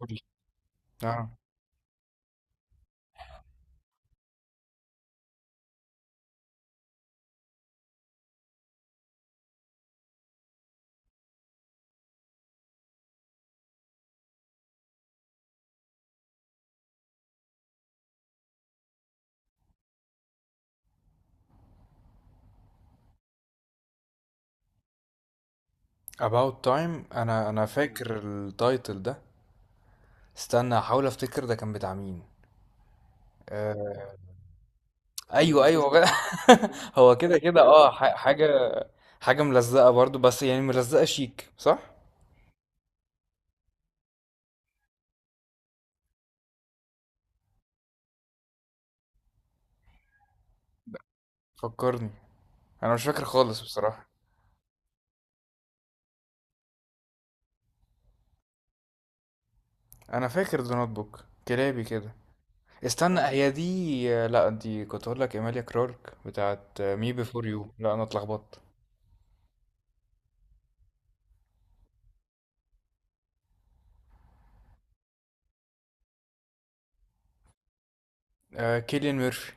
قولي. اه، About Time. انا فاكر التايتل ده. استنى احاول افتكر ده كان بتاع مين. آه، ايوه ايوه هو. هو كده كده اه، حاجه ملزقه برضو، بس يعني ملزقه شيك، صح؟ فكرني، انا مش فاكر خالص بصراحه. انا فاكر ذا نوت بوك كلابي كده. استنى، هي دي؟ لا، دي كنت اقول لك ايماليا كلارك بتاعت مي بيفور يو. لا، انا اتلخبطت. آه، كيليان ميرفي.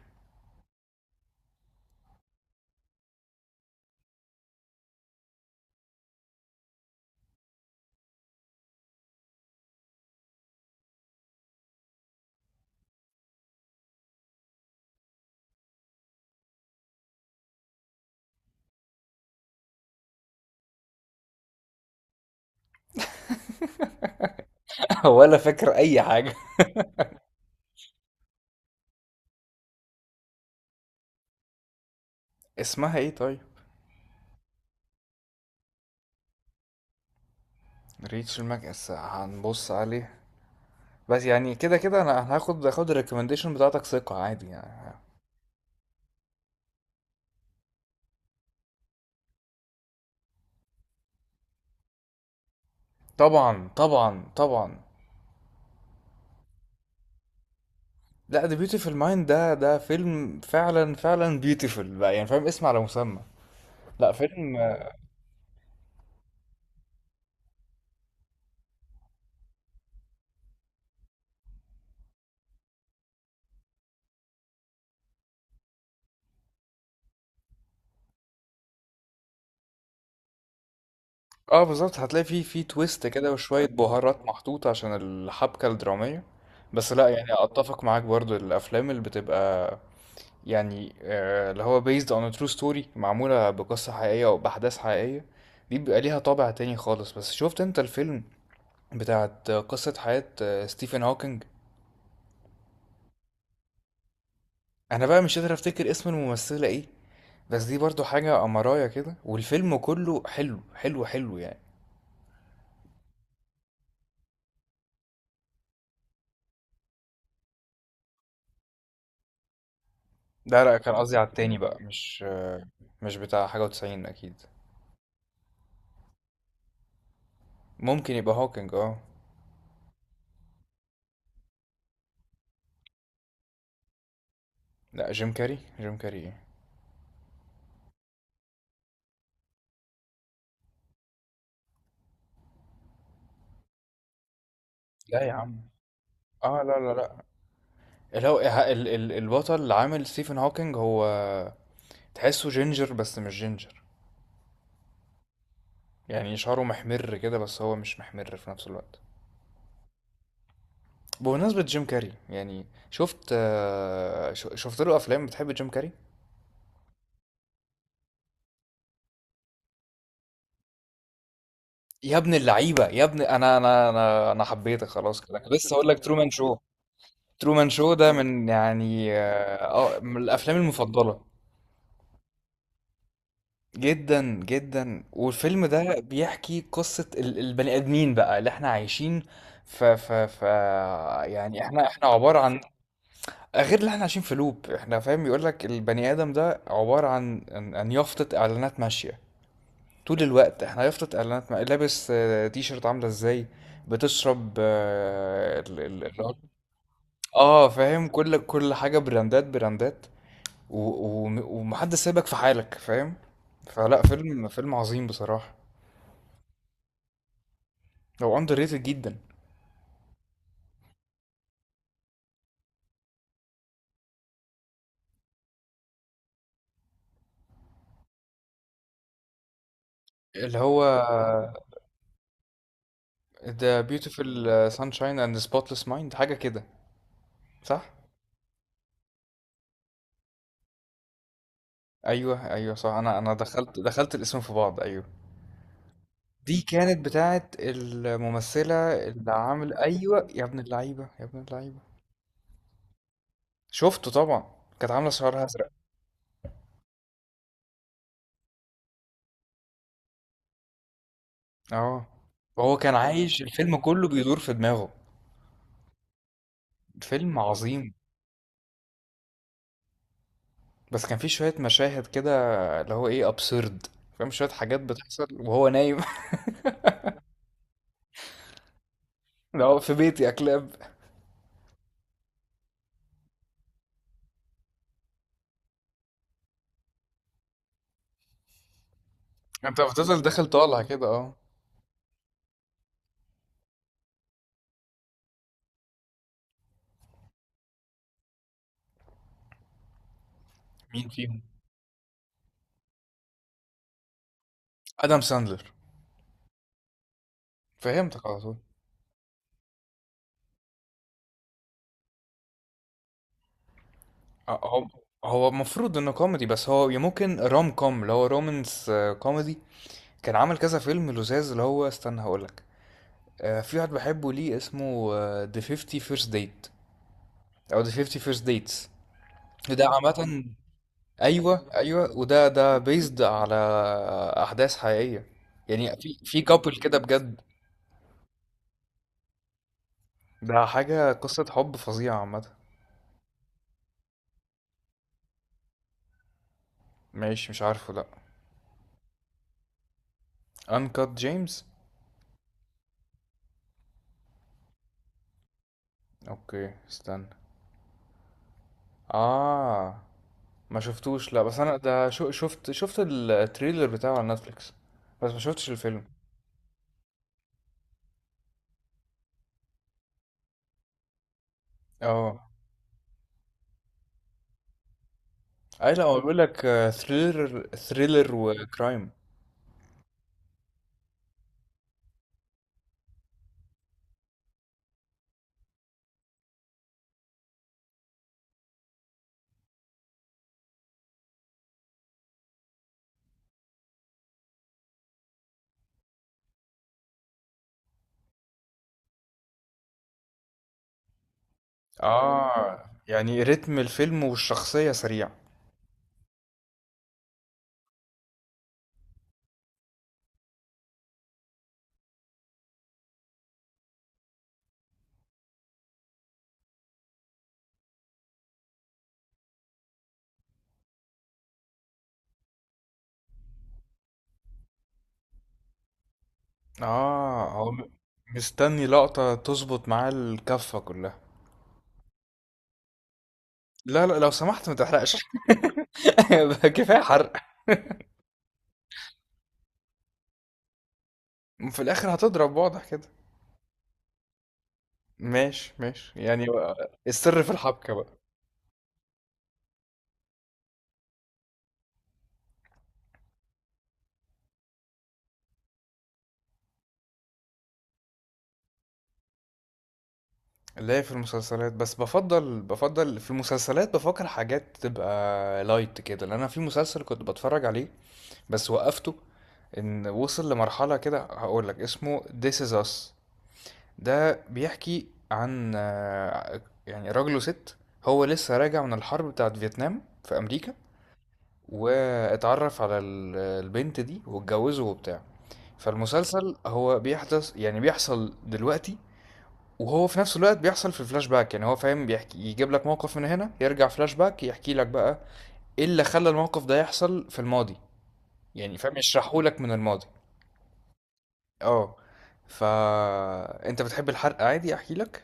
ولا فاكر اي حاجه. اسمها ايه طيب؟ ريتش المكس، هنبص عليه. بس يعني كده كده أنا هاخد الريكومنديشن بتاعتك ثقة عادي يعني. طبعا طبعا طبعا. لا، ده بيوتيفل مايند، ده فيلم فعلا فعلا بيوتيفل بقى، يعني فاهم، اسم على مسمى. لا، فيلم. اه، بالظبط، هتلاقي فيه تويست كده وشوية بهارات محطوطة عشان الحبكة الدرامية. بس لا يعني اتفق معاك، برضو الافلام اللي بتبقى يعني اللي هو based on a true story، معمولة بقصة حقيقية أو بأحداث حقيقية، دي بيبقى ليها طابع تاني خالص. بس شفت انت الفيلم بتاعت قصة حياة ستيفن هوكينج؟ أنا بقى مش قادر أفتكر اسم الممثلة ايه، بس دي برضو حاجة أمراية كده، والفيلم كله حلو حلو حلو يعني. ده لا، كان قصدي على التاني بقى، مش مش بتاع حاجة وتسعين أكيد. ممكن يبقى هوكينج، اه. لا، جيم كاري؟ جيم كاري ايه؟ لا يا عم، اه لا لا لا. اللي هو البطل اللي عامل ستيفن هوكينج، هو تحسه جينجر بس مش جينجر، يعني شعره محمر كده بس هو مش محمر في نفس الوقت. بمناسبة جيم كاري، يعني شفت له افلام؟ بتحب جيم كاري؟ يا ابن اللعيبة، يا ابن، انا حبيتك خلاص كده، كنت لسه هقول لك ترومان شو. ترومان شو ده من يعني من الافلام المفضلة. جدا جدا. والفيلم ده بيحكي قصة البني آدمين بقى اللي احنا عايشين ف يعني احنا عبارة عن، غير اللي احنا عايشين في لوب، احنا فاهم؟ يقولك البني آدم ده عبارة عن يافطة إعلانات ماشية. طول الوقت احنا يافطة إعلانات، ما... لابس تي شيرت عاملة ازاي، بتشرب فاهم، كل حاجة براندات براندات. و... و... ومحدش سايبك في حالك، فاهم؟ فلا، فيلم عظيم بصراحة. هو اندر ريتد جدا. اللي هو The Beautiful Sunshine and the Spotless Mind، حاجة كده، صح؟ ايوه ايوه صح، انا دخلت الاسم في بعض، ايوه. دي كانت بتاعت الممثلة اللي عامل، ايوه، يا ابن اللعيبة يا ابن اللعيبة. شفته طبعا، كانت عاملة شعرها ازرق، اه. وهو كان عايش الفيلم كله بيدور في دماغه. فيلم عظيم. بس كان فيه شوية مشاهد كده اللي هو ايه، ابسورد، فاهم، شوية حاجات بتحصل وهو نايم. اللي هو في بيتي يا كلاب. انت بتفضل داخل طالع كده، اه. مين فيهم؟ ادم ساندلر. فهمتك على طول. اه، هو المفروض انه كوميدي، بس هو ممكن روم كوم اللي هو رومانس كوميدي. كان عمل كذا فيلم لزاز، اللي هو استنى هقولك، في واحد بحبه ليه اسمه ذا 50 فيرست ديت، او ذا 50 فيرست ديتس. ده عامة، ايوه ايوه، وده بيزد على احداث حقيقية، يعني في كابل كده بجد. ده حاجة قصة حب فظيعة عامة. ماشي، مش عارفه، لا. انكات جيمس. اوكي، استنى. اه. ما شفتوش، لا، بس انا ده شو، شفت التريلر بتاعه على نتفليكس، بس ما شفتش الفيلم. اه، اي، لا، هو بيقول لك ثريلر ثريلر وكرايم. اه. يعني رتم الفيلم والشخصية سريع. اه هو مستني لقطة تظبط معاه الكفة كلها. لا لا، لو سمحت ما تحرقش. بقى كفاية حرق. في الاخر هتضرب واضح كده. ماشي ماشي يعني. السر في الحبكة بقى. لا، في المسلسلات بس، بفضل في المسلسلات بفكر حاجات تبقى لايت كده، لان انا في مسلسل كنت بتفرج عليه بس وقفته، ان وصل لمرحلة كده. هقول لك اسمه This is Us. ده بيحكي عن يعني راجل وست، هو لسه راجع من الحرب بتاعت فيتنام في امريكا، واتعرف على البنت دي واتجوزه وبتاع. فالمسلسل هو بيحدث، يعني بيحصل دلوقتي، وهو في نفس الوقت بيحصل في الفلاش باك، يعني هو فاهم، بيحكي يجيب لك موقف من هنا، يرجع فلاش باك يحكي لك بقى ايه اللي خلى الموقف ده يحصل في الماضي، يعني فاهم، يشرحه لك من الماضي. اه. فا انت بتحب الحرق عادي احكي لك؟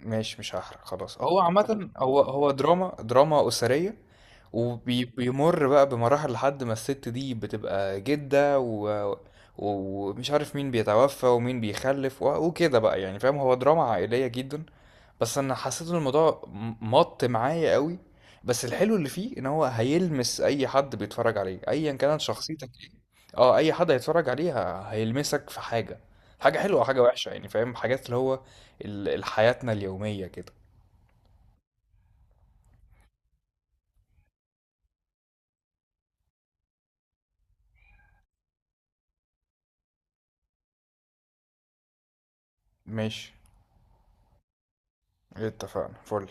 ماشي مش هحرق خلاص. هو عامة هو دراما أسرية، وبيمر بقى بمراحل لحد ما الست دي بتبقى جدة، ومش عارف مين بيتوفى ومين بيخلف، وكده بقى، يعني فاهم، هو دراما عائلية جدا. بس أنا حسيت إن الموضوع مط معايا قوي. بس الحلو اللي فيه إن هو هيلمس أي حد بيتفرج عليه، أيا كانت شخصيتك إيه. اه، أي حد هيتفرج عليه هيلمسك في حاجة، حاجة حلوة وحاجة وحشة، يعني فاهم، حاجات اللي هو لحياتنا اليومية كده. ماشي، اتفقنا، فل